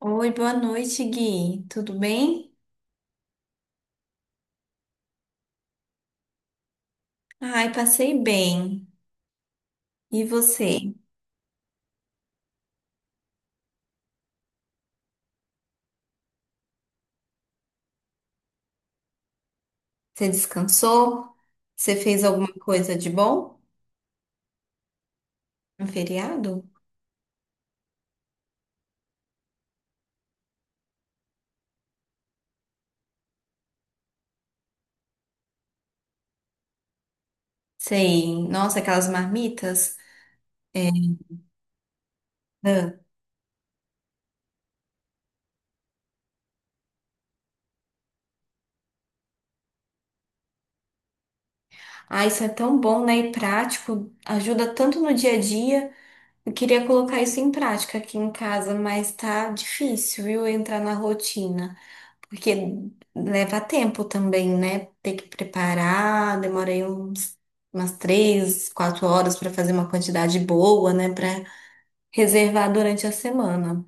Oi, boa noite, Gui. Tudo bem? Ai, passei bem. E você? Você descansou? Você fez alguma coisa de bom no feriado? Sei. Nossa, aquelas marmitas. Ah, Ah, isso é tão bom, né? E prático. Ajuda tanto no dia a dia. Eu queria colocar isso em prática aqui em casa, mas tá difícil, viu, entrar na rotina. Porque leva tempo também, né? Ter que preparar, umas três, quatro horas para fazer uma quantidade boa, né? Para reservar durante a semana.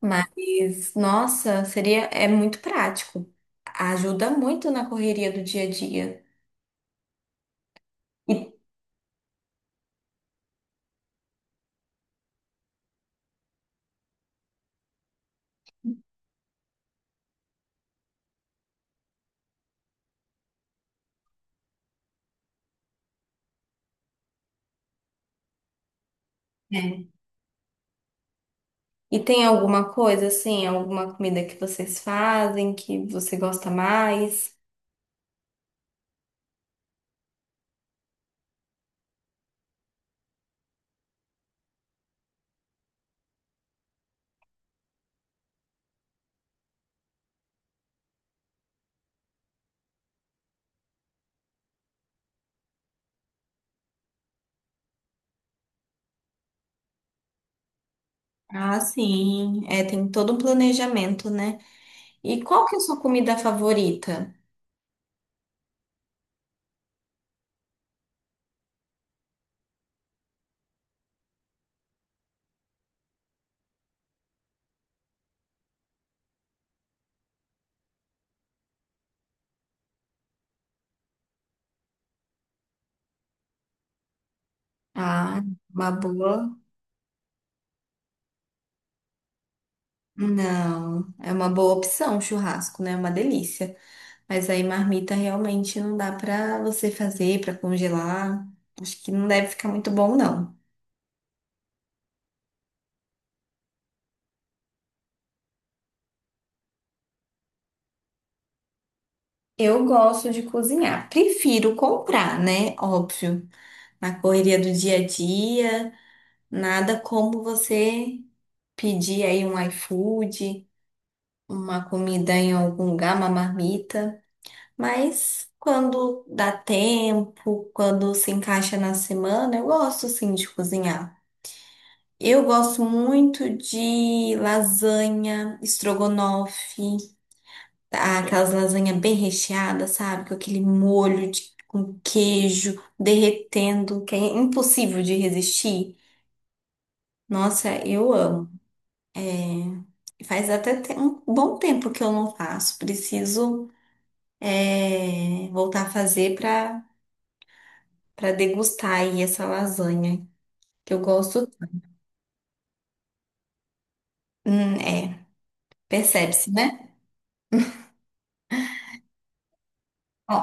Mas, nossa, é muito prático. Ajuda muito na correria do dia a dia. E é. E tem alguma coisa assim, alguma comida que vocês fazem que você gosta mais? Ah, sim. É, tem todo um planejamento, né? E qual que é a sua comida favorita? Ah, uma boa. Não, é uma boa opção, churrasco, né? É uma delícia. Mas aí marmita realmente não dá pra você fazer, pra congelar. Acho que não deve ficar muito bom, não. Eu gosto de cozinhar. Prefiro comprar, né? Óbvio. Na correria do dia a dia, nada como você pedir aí um iFood, uma comida em algum lugar, uma marmita. Mas quando dá tempo, quando se encaixa na semana, eu gosto sim de cozinhar. Eu gosto muito de lasanha, estrogonofe, tá? Aquelas lasanhas bem recheadas, sabe? Com aquele molho com queijo derretendo, que é impossível de resistir. Nossa, eu amo. É, faz até um bom tempo que eu não faço. Preciso, é, voltar a fazer para degustar aí essa lasanha, que eu gosto. É, percebe-se, né? Ó,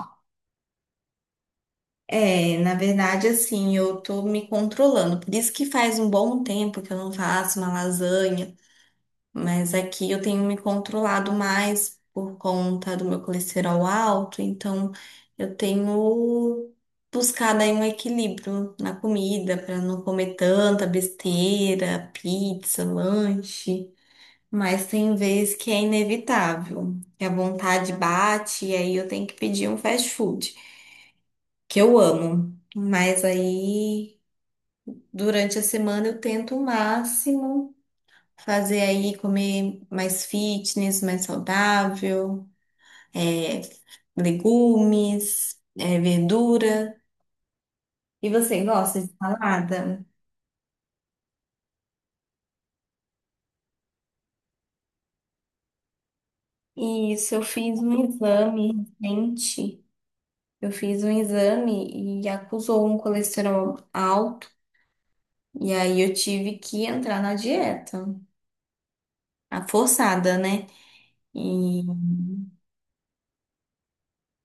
é, na verdade, assim, eu tô me controlando. Por isso que faz um bom tempo que eu não faço uma lasanha, mas aqui eu tenho me controlado mais por conta do meu colesterol alto, então eu tenho buscado aí um equilíbrio na comida para não comer tanta besteira, pizza, lanche. Mas tem vezes que é inevitável, que a vontade bate e aí eu tenho que pedir um fast food, que eu amo. Mas aí, durante a semana, eu tento o máximo fazer aí comer mais fitness, mais saudável, é, legumes, é, verdura. E você gosta de salada? Isso, eu fiz um exame recente. Eu fiz um exame e acusou um colesterol alto. E aí eu tive que entrar na dieta, a forçada, né? E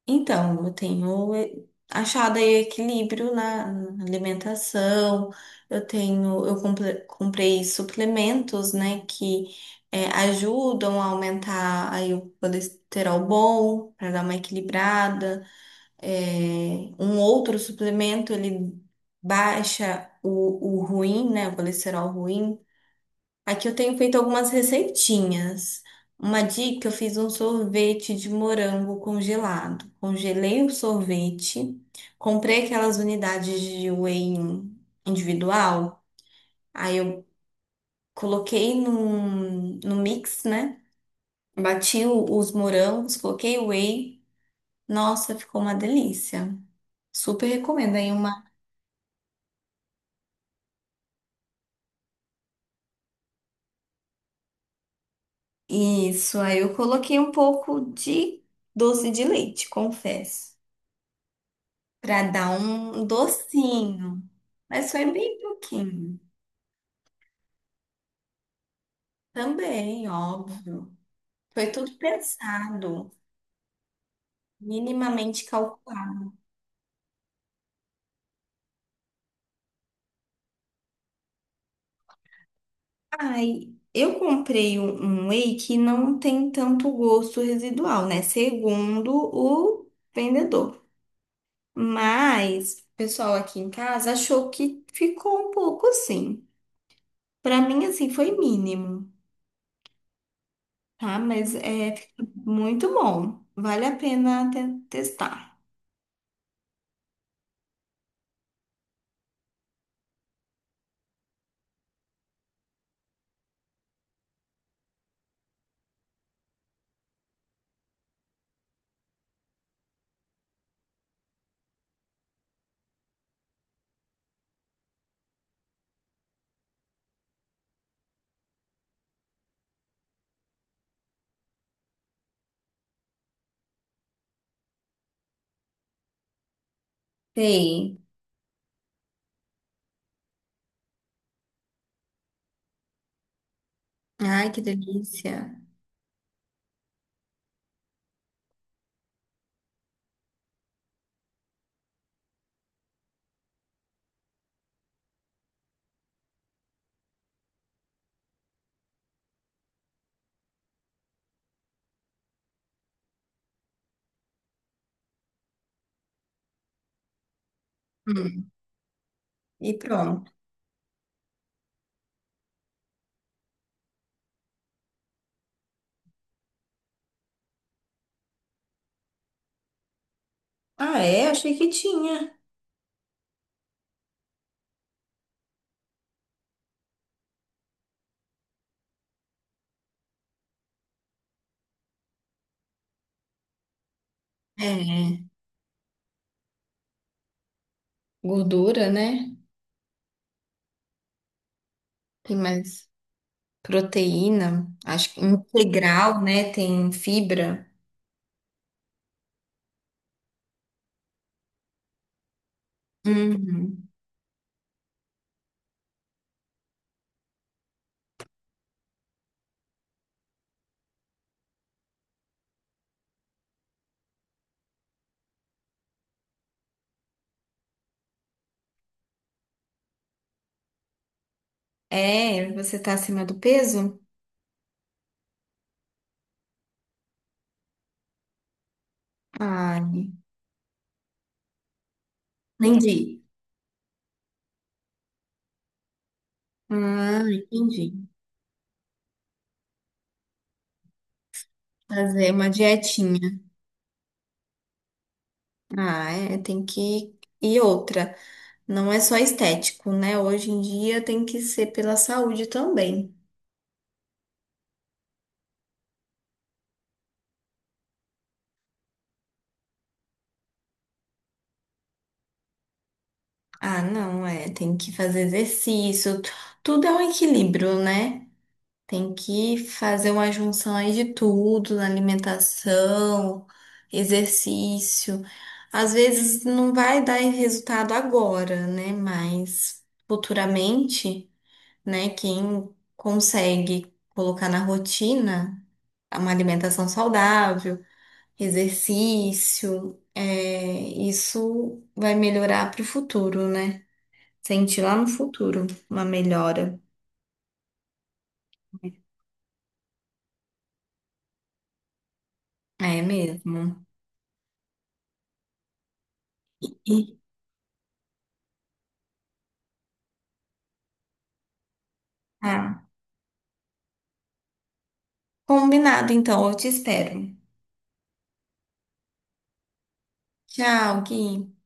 então eu tenho achado aí equilíbrio na alimentação. Eu comprei suplementos, né, que ajudam a aumentar aí o colesterol bom para dar uma equilibrada. Um outro suplemento ele baixa o ruim, né, o colesterol ruim. Aqui eu tenho feito algumas receitinhas. Uma dica: eu fiz um sorvete de morango congelado. Congelei o sorvete, comprei aquelas unidades de whey individual, aí eu no mix, né? Bati os morangos, coloquei o whey. Nossa, ficou uma delícia. Super recomendo aí uma. Isso, aí eu coloquei um pouco de doce de leite, confesso, para dar um docinho. Mas foi bem pouquinho. Também, óbvio. Foi tudo pensado, minimamente calculado. Ai, eu comprei um whey que não tem tanto gosto residual, né? Segundo o vendedor. Mas o pessoal aqui em casa achou que ficou um pouco assim. Pra mim, assim, foi mínimo, tá? Mas é fica muito bom. Vale a pena testar. Sei. Ai, que delícia. Hum. E pronto. Ah, é? Achei que tinha. É, gordura, né? Tem mais proteína, acho que integral, né? Tem fibra. Uhum. É, você tá acima do peso? Ai, entendi. Ah, entendi. Fazer uma dietinha. Ah, é, tem que. E outra, não é só estético, né? Hoje em dia tem que ser pela saúde também. Ah, não, é, tem que fazer exercício. Tudo é um equilíbrio, né? Tem que fazer uma junção aí de tudo, na alimentação, exercício. Às vezes não vai dar resultado agora, né? Mas futuramente, né? Quem consegue colocar na rotina uma alimentação saudável, exercício, é, isso vai melhorar para o futuro, né? Sentir lá no futuro uma melhora. É mesmo. E, ah, combinado, então, eu te espero. Tchau, Gui.